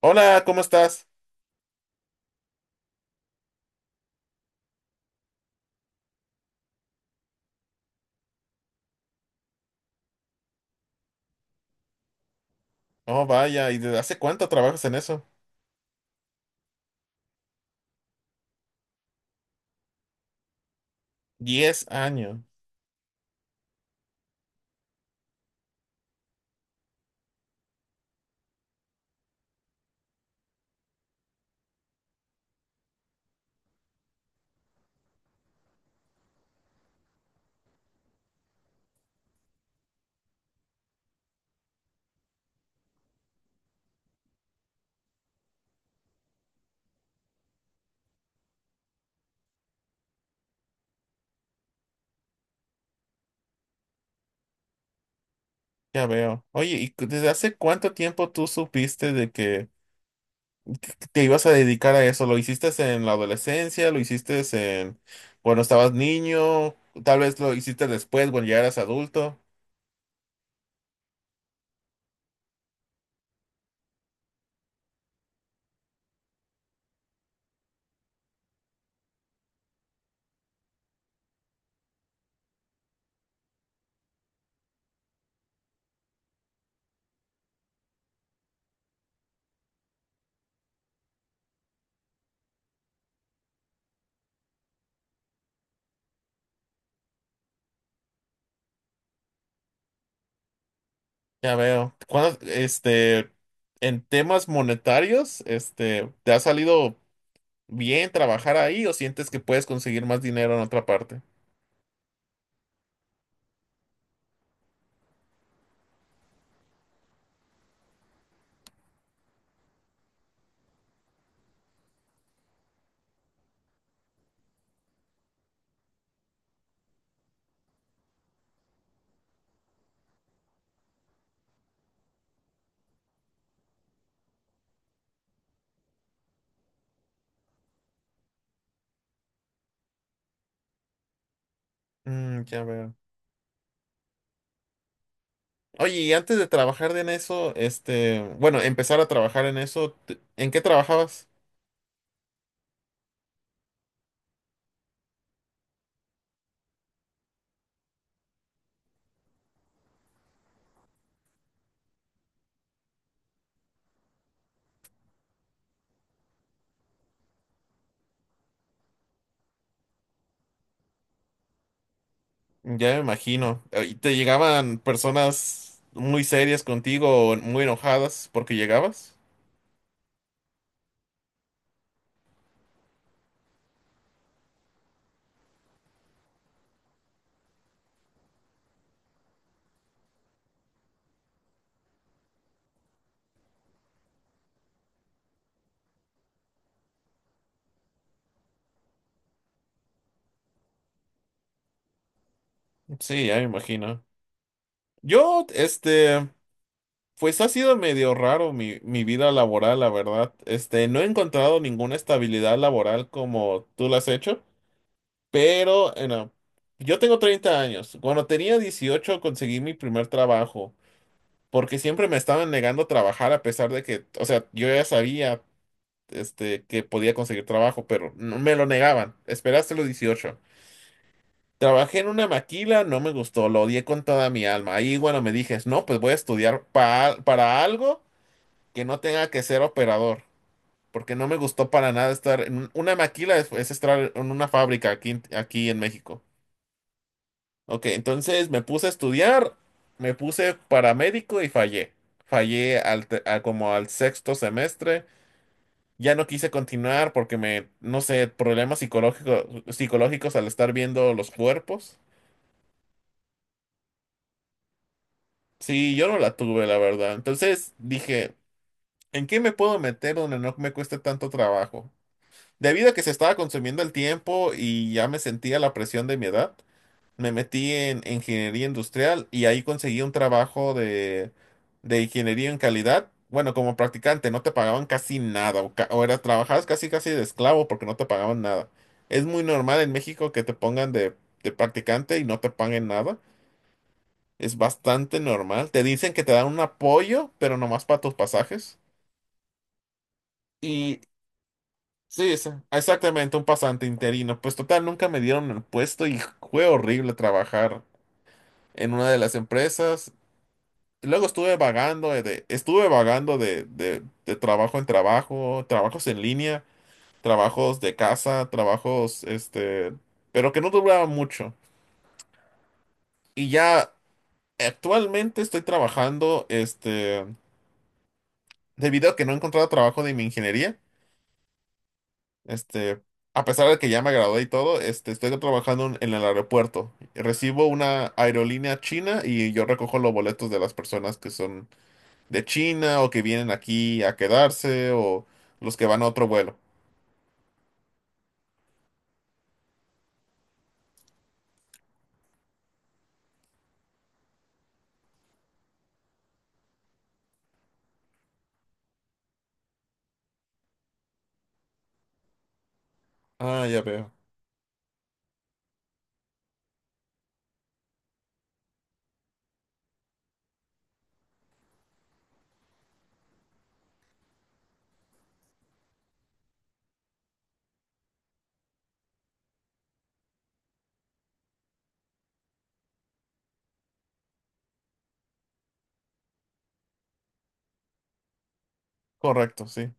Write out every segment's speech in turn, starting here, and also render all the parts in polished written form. Hola, ¿cómo estás? Oh, vaya, ¿y desde hace cuánto trabajas en eso? Diez años, ya veo. Oye, ¿ desde hace cuánto tiempo tú supiste de que te ibas a dedicar a eso? ¿Lo hiciste en la adolescencia? ¿Lo hiciste en cuando estabas niño? Tal vez lo hiciste después, cuando ya eras adulto. Ya veo. ¿ en temas monetarios, te ha salido bien trabajar ahí o sientes que puedes conseguir más dinero en otra parte? Ya veo. Oye, y antes de trabajar en eso, bueno, empezar a trabajar en eso, ¿en qué trabajabas? Ya me imagino. ¿Y te llegaban personas muy serias contigo, o muy enojadas porque llegabas? Sí, ya me imagino. Yo pues ha sido medio raro mi vida laboral, la verdad. No he encontrado ninguna estabilidad laboral como tú la has hecho, pero, no. Yo tengo 30 años. Cuando tenía 18 conseguí mi primer trabajo, porque siempre me estaban negando trabajar a pesar de que, o sea, yo ya sabía que podía conseguir trabajo, pero me lo negaban. Esperaste los 18. Trabajé en una maquila, no me gustó, lo odié con toda mi alma. Ahí, bueno, me dije, no, pues voy a estudiar para algo que no tenga que ser operador, porque no me gustó para nada estar en una maquila, es estar en una fábrica aquí, aquí en México. Ok, entonces me puse a estudiar, me puse paramédico y fallé. Fallé al como al sexto semestre. Ya no quise continuar porque me, no sé, problemas psicológicos, psicológicos al estar viendo los cuerpos. Sí, yo no la tuve, la verdad. Entonces dije, ¿en qué me puedo meter donde no me cueste tanto trabajo? Debido a que se estaba consumiendo el tiempo y ya me sentía la presión de mi edad, me metí en ingeniería industrial y ahí conseguí un trabajo de ingeniería en calidad. Bueno, como practicante no te pagaban casi nada o, o era trabajabas casi casi de esclavo porque no te pagaban nada. Es muy normal en México que te pongan de practicante y no te paguen nada. Es bastante normal. Te dicen que te dan un apoyo, pero nomás para tus pasajes. Y sí, exactamente, un pasante interino. Pues total, nunca me dieron el puesto y fue horrible trabajar en una de las empresas. Luego estuve vagando, estuve vagando de trabajo en trabajo, trabajos en línea, trabajos de casa, trabajos, pero que no duraban mucho. Y ya actualmente estoy trabajando, debido a que no he encontrado trabajo de mi ingeniería, este, a pesar de que ya me gradué y todo, estoy trabajando en el aeropuerto. Recibo una aerolínea china y yo recojo los boletos de las personas que son de China o que vienen aquí a quedarse o los que van a otro vuelo. Ah, ya veo. Correcto, sí,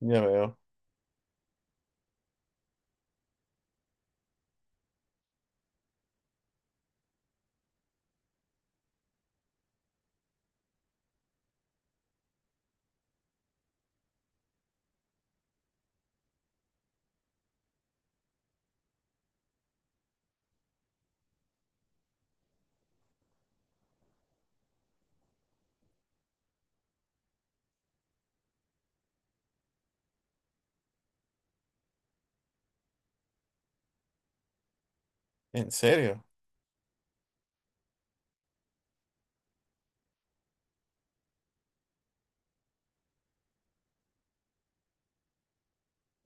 ya veo. ¿En serio?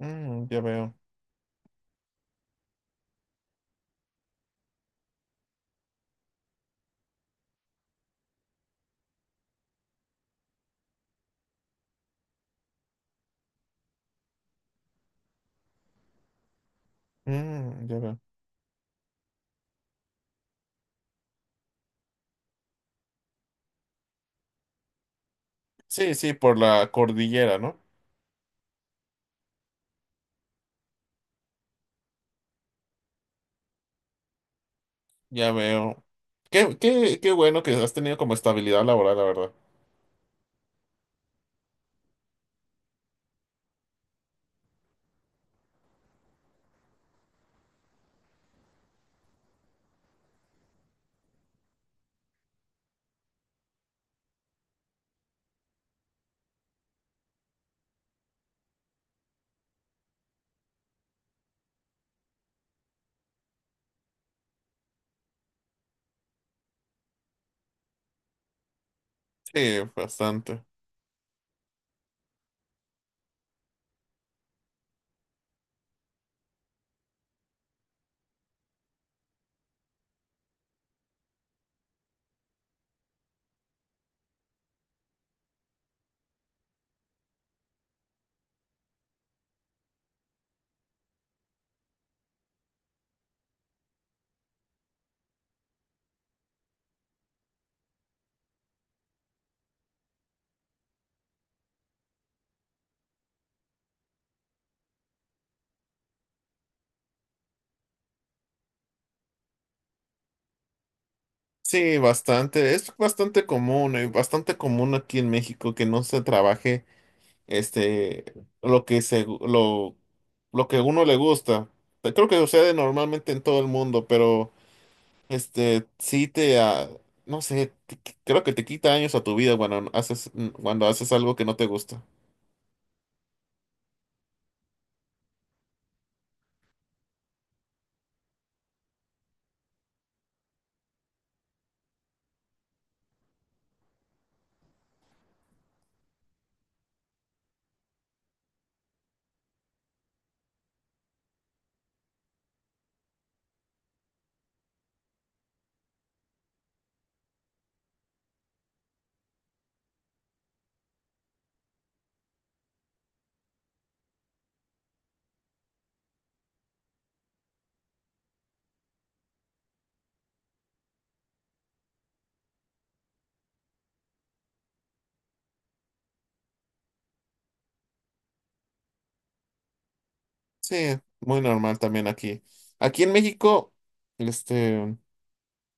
Ya veo. Ya veo. Sí, sí, por la cordillera, ¿no? Ya veo. Qué bueno que has tenido como estabilidad laboral, la verdad. Sí, bastante. Sí, bastante. Es bastante común aquí en México que no se trabaje este, lo que se, lo, lo que a uno le gusta. Creo que sucede normalmente en todo el mundo, pero este, sí te, ah, no sé, te creo que te quita años a tu vida cuando haces algo que no te gusta. Sí, muy normal también aquí. Aquí en México, este,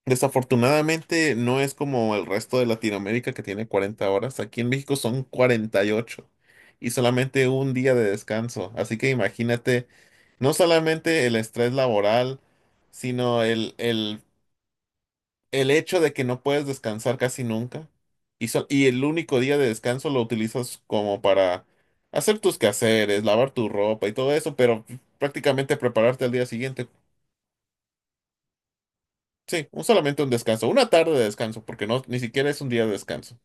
desafortunadamente no es como el resto de Latinoamérica que tiene 40 horas. Aquí en México son 48 y solamente un día de descanso. Así que imagínate. No solamente el estrés laboral, sino el hecho de que no puedes descansar casi nunca. Y, y el único día de descanso lo utilizas como para hacer tus quehaceres, lavar tu ropa y todo eso, pero prácticamente prepararte al día siguiente. Sí, solamente un descanso, una tarde de descanso, porque no, ni siquiera es un día de descanso.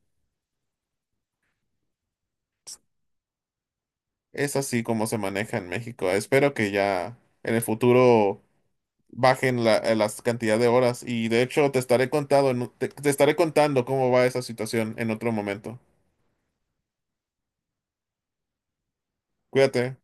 Es así como se maneja en México. Espero que ya en el futuro bajen la, las cantidad de horas. Y de hecho, te estaré contado, en te estaré contando cómo va esa situación en otro momento. Cuídate.